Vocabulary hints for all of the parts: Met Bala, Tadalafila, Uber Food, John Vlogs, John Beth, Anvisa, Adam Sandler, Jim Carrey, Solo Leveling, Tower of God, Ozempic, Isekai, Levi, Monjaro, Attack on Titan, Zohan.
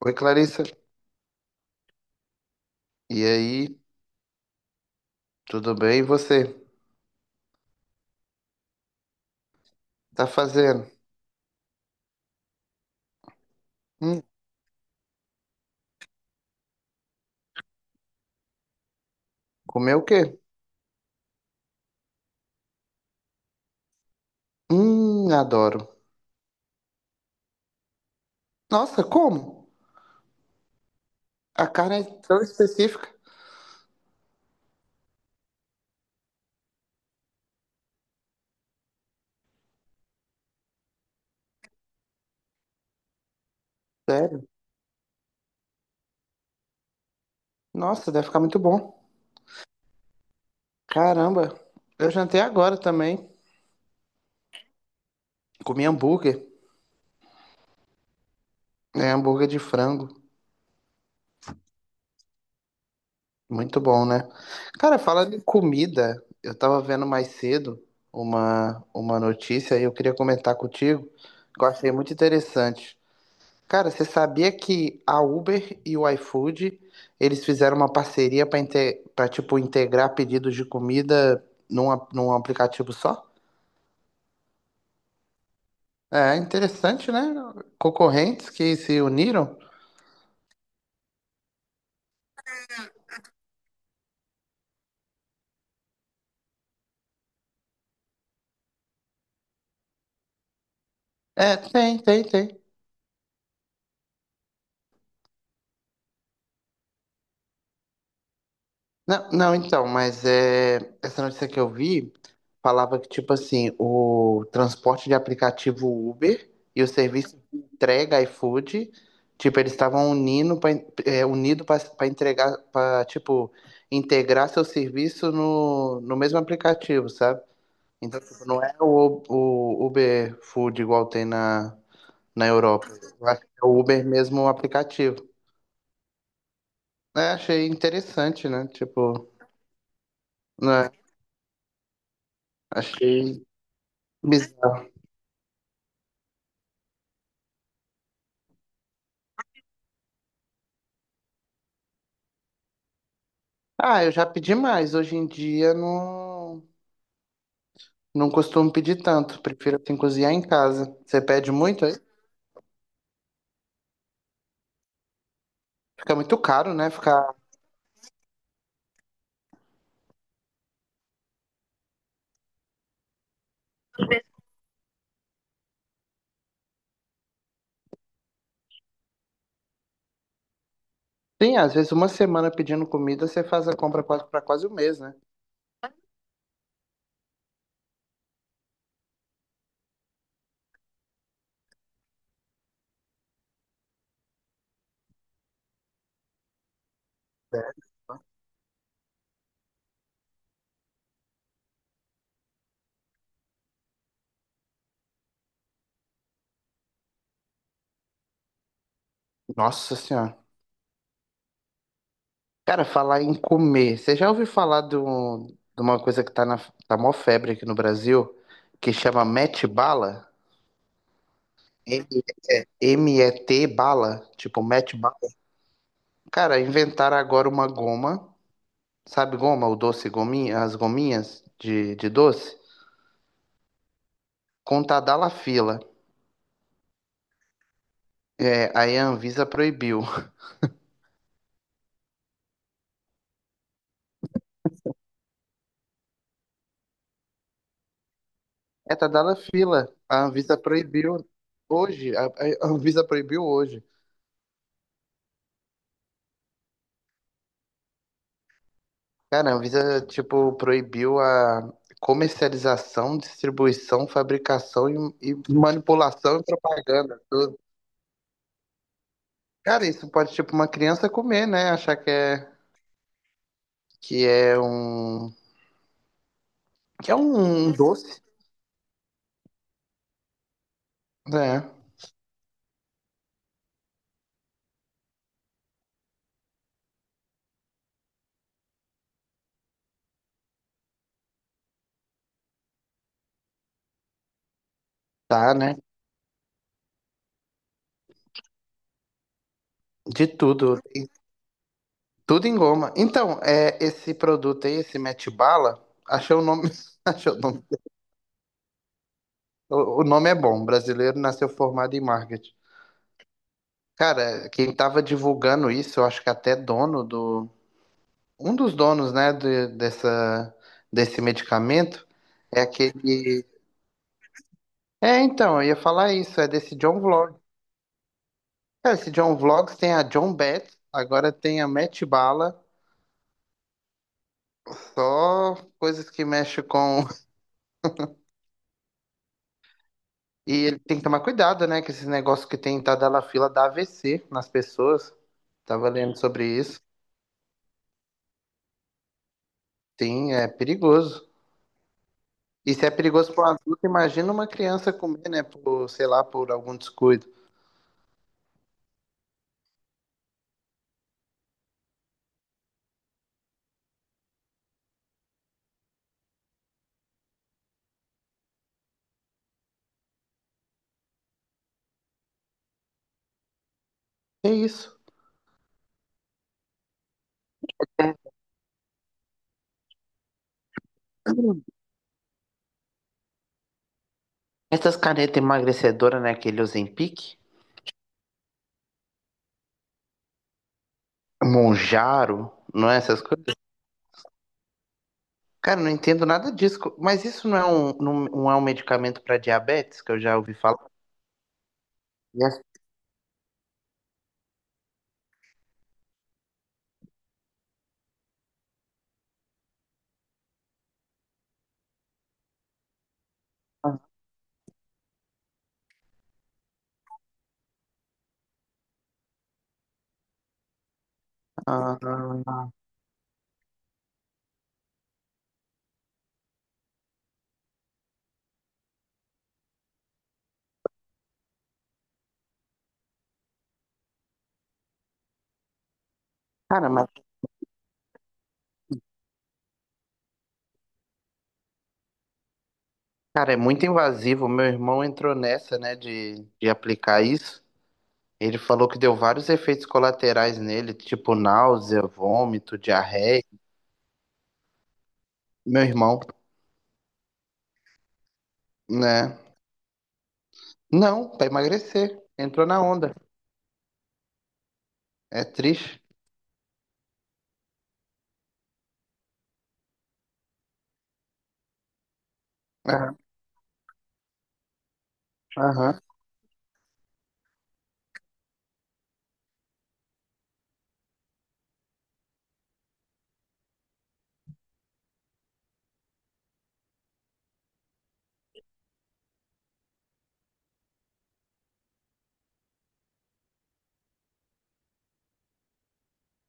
Oi, Clarissa. E aí, tudo bem? E você? Tá fazendo? Hum, comeu o quê? Adoro. Nossa, como? A carne é tão específica. Sério? Nossa, deve ficar muito bom. Caramba, eu jantei agora também. Comi hambúrguer. É, hambúrguer de frango. Muito bom, né? Cara, falando em comida, eu tava vendo mais cedo uma notícia e eu queria comentar contigo, que eu achei muito interessante. Cara, você sabia que a Uber e o iFood, eles fizeram uma parceria para tipo integrar pedidos de comida num aplicativo só? É interessante, né? Concorrentes que se uniram? É, tem. Não, não, então, essa notícia que eu vi falava que, tipo assim, o transporte de aplicativo Uber e o serviço de entrega iFood, tipo, eles estavam unindo para é, unido para entregar, para, tipo, integrar seu serviço no mesmo aplicativo, sabe? Então, tipo, não é o Uber Food igual tem na Europa. Eu acho que é o Uber mesmo o aplicativo. É, achei interessante, né? Tipo, né? Achei. Bizarro. Ah, eu já pedi mais. Hoje em dia não costumo pedir tanto. Prefiro assim cozinhar em casa. Você pede muito aí? Fica muito caro, né? Ficar. Sim, às vezes uma semana pedindo comida, você faz a compra quase para quase um mês, né? É. Nossa Senhora. Cara, falar em comer. Você já ouviu falar do, de uma coisa que tá na tá mó febre aqui no Brasil, que chama Met Bala? M- M-E-T Bala, tipo Met Bala. Cara, inventaram agora uma goma. Sabe goma, o doce gominha, as gominhas de doce? Com Tadalafila. É, aí a Anvisa proibiu. É Tadalafila. A Anvisa proibiu hoje. A Anvisa proibiu hoje. Cara, a Anvisa, tipo, proibiu a comercialização, distribuição, e manipulação e propaganda. Tudo. Cara, isso pode, tipo, uma criança comer, né? Que é um, que é um doce. É, tá, né? De tudo. Tudo em goma. Então, é, esse produto aí, esse Mete Bala, achei o nome. Achei o nome. O nome é bom. Brasileiro nasceu formado em marketing. Cara, quem tava divulgando isso, eu acho que até dono do. Um dos donos, né, dessa, desse medicamento é aquele. É, então, eu ia falar isso, é desse John Vlog. Cara, esse John Vlogs tem a John Beth, agora tem a Mete Bala, só coisas que mexem com. E ele tem que tomar cuidado, né? Com esses negócios que tem entrada da fila da AVC nas pessoas. Tava lendo sobre isso. Sim, é perigoso. E se é perigoso para um adulto, imagina uma criança comer, né? Por, sei lá, por algum descuido. É isso. Essas canetas emagrecedoras, né? Aquele Ozempic, Monjaro, não é essas coisas? Cara, não entendo nada disso. Mas isso não é um, não é um medicamento para diabetes, que eu já ouvi falar? E ah, cara, mas cara, é muito invasivo. Meu irmão entrou nessa, né, de aplicar isso. Ele falou que deu vários efeitos colaterais nele, tipo náusea, vômito, diarreia. Meu irmão, né? Não, pra emagrecer. Entrou na onda. É triste. Aham, aham,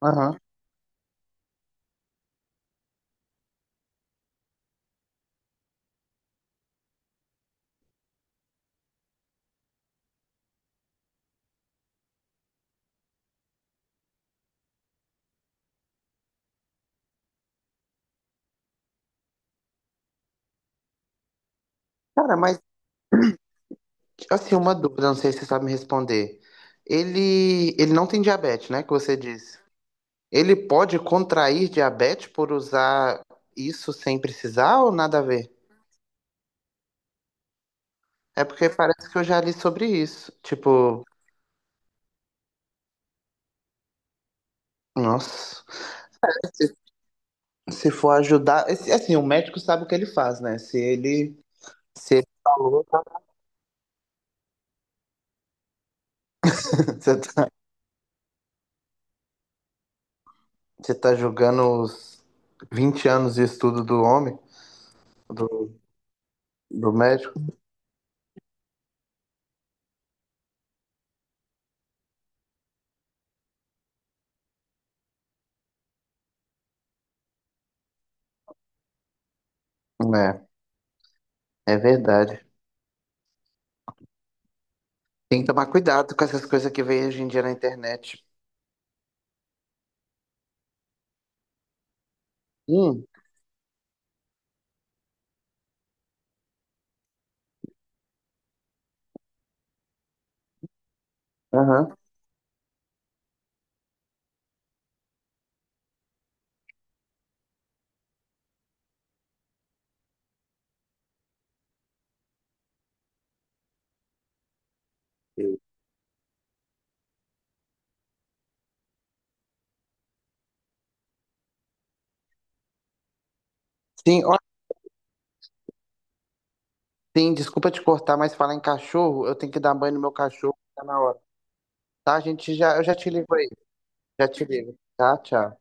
aham. Cara, mas, assim, uma dúvida, não sei se você sabe me responder. Ele não tem diabetes, né, que você disse. Ele pode contrair diabetes por usar isso sem precisar ou nada a ver? É porque parece que eu já li sobre isso. Tipo, nossa. Se, Se for ajudar. Assim, o médico sabe o que ele faz, né? Se ele. Se ele falou. Você tá, Você tá julgando os 20 anos de estudo do homem, do, do médico? É, é verdade. Tem que tomar cuidado com essas coisas que vem hoje em dia na internet. Hum, aham. Sim, ó, sim, desculpa te cortar, mas falar em cachorro, eu tenho que dar banho no meu cachorro, tá na hora. Tá, gente, já, eu já te ligo aí. Já te ligo. Tá, tchau.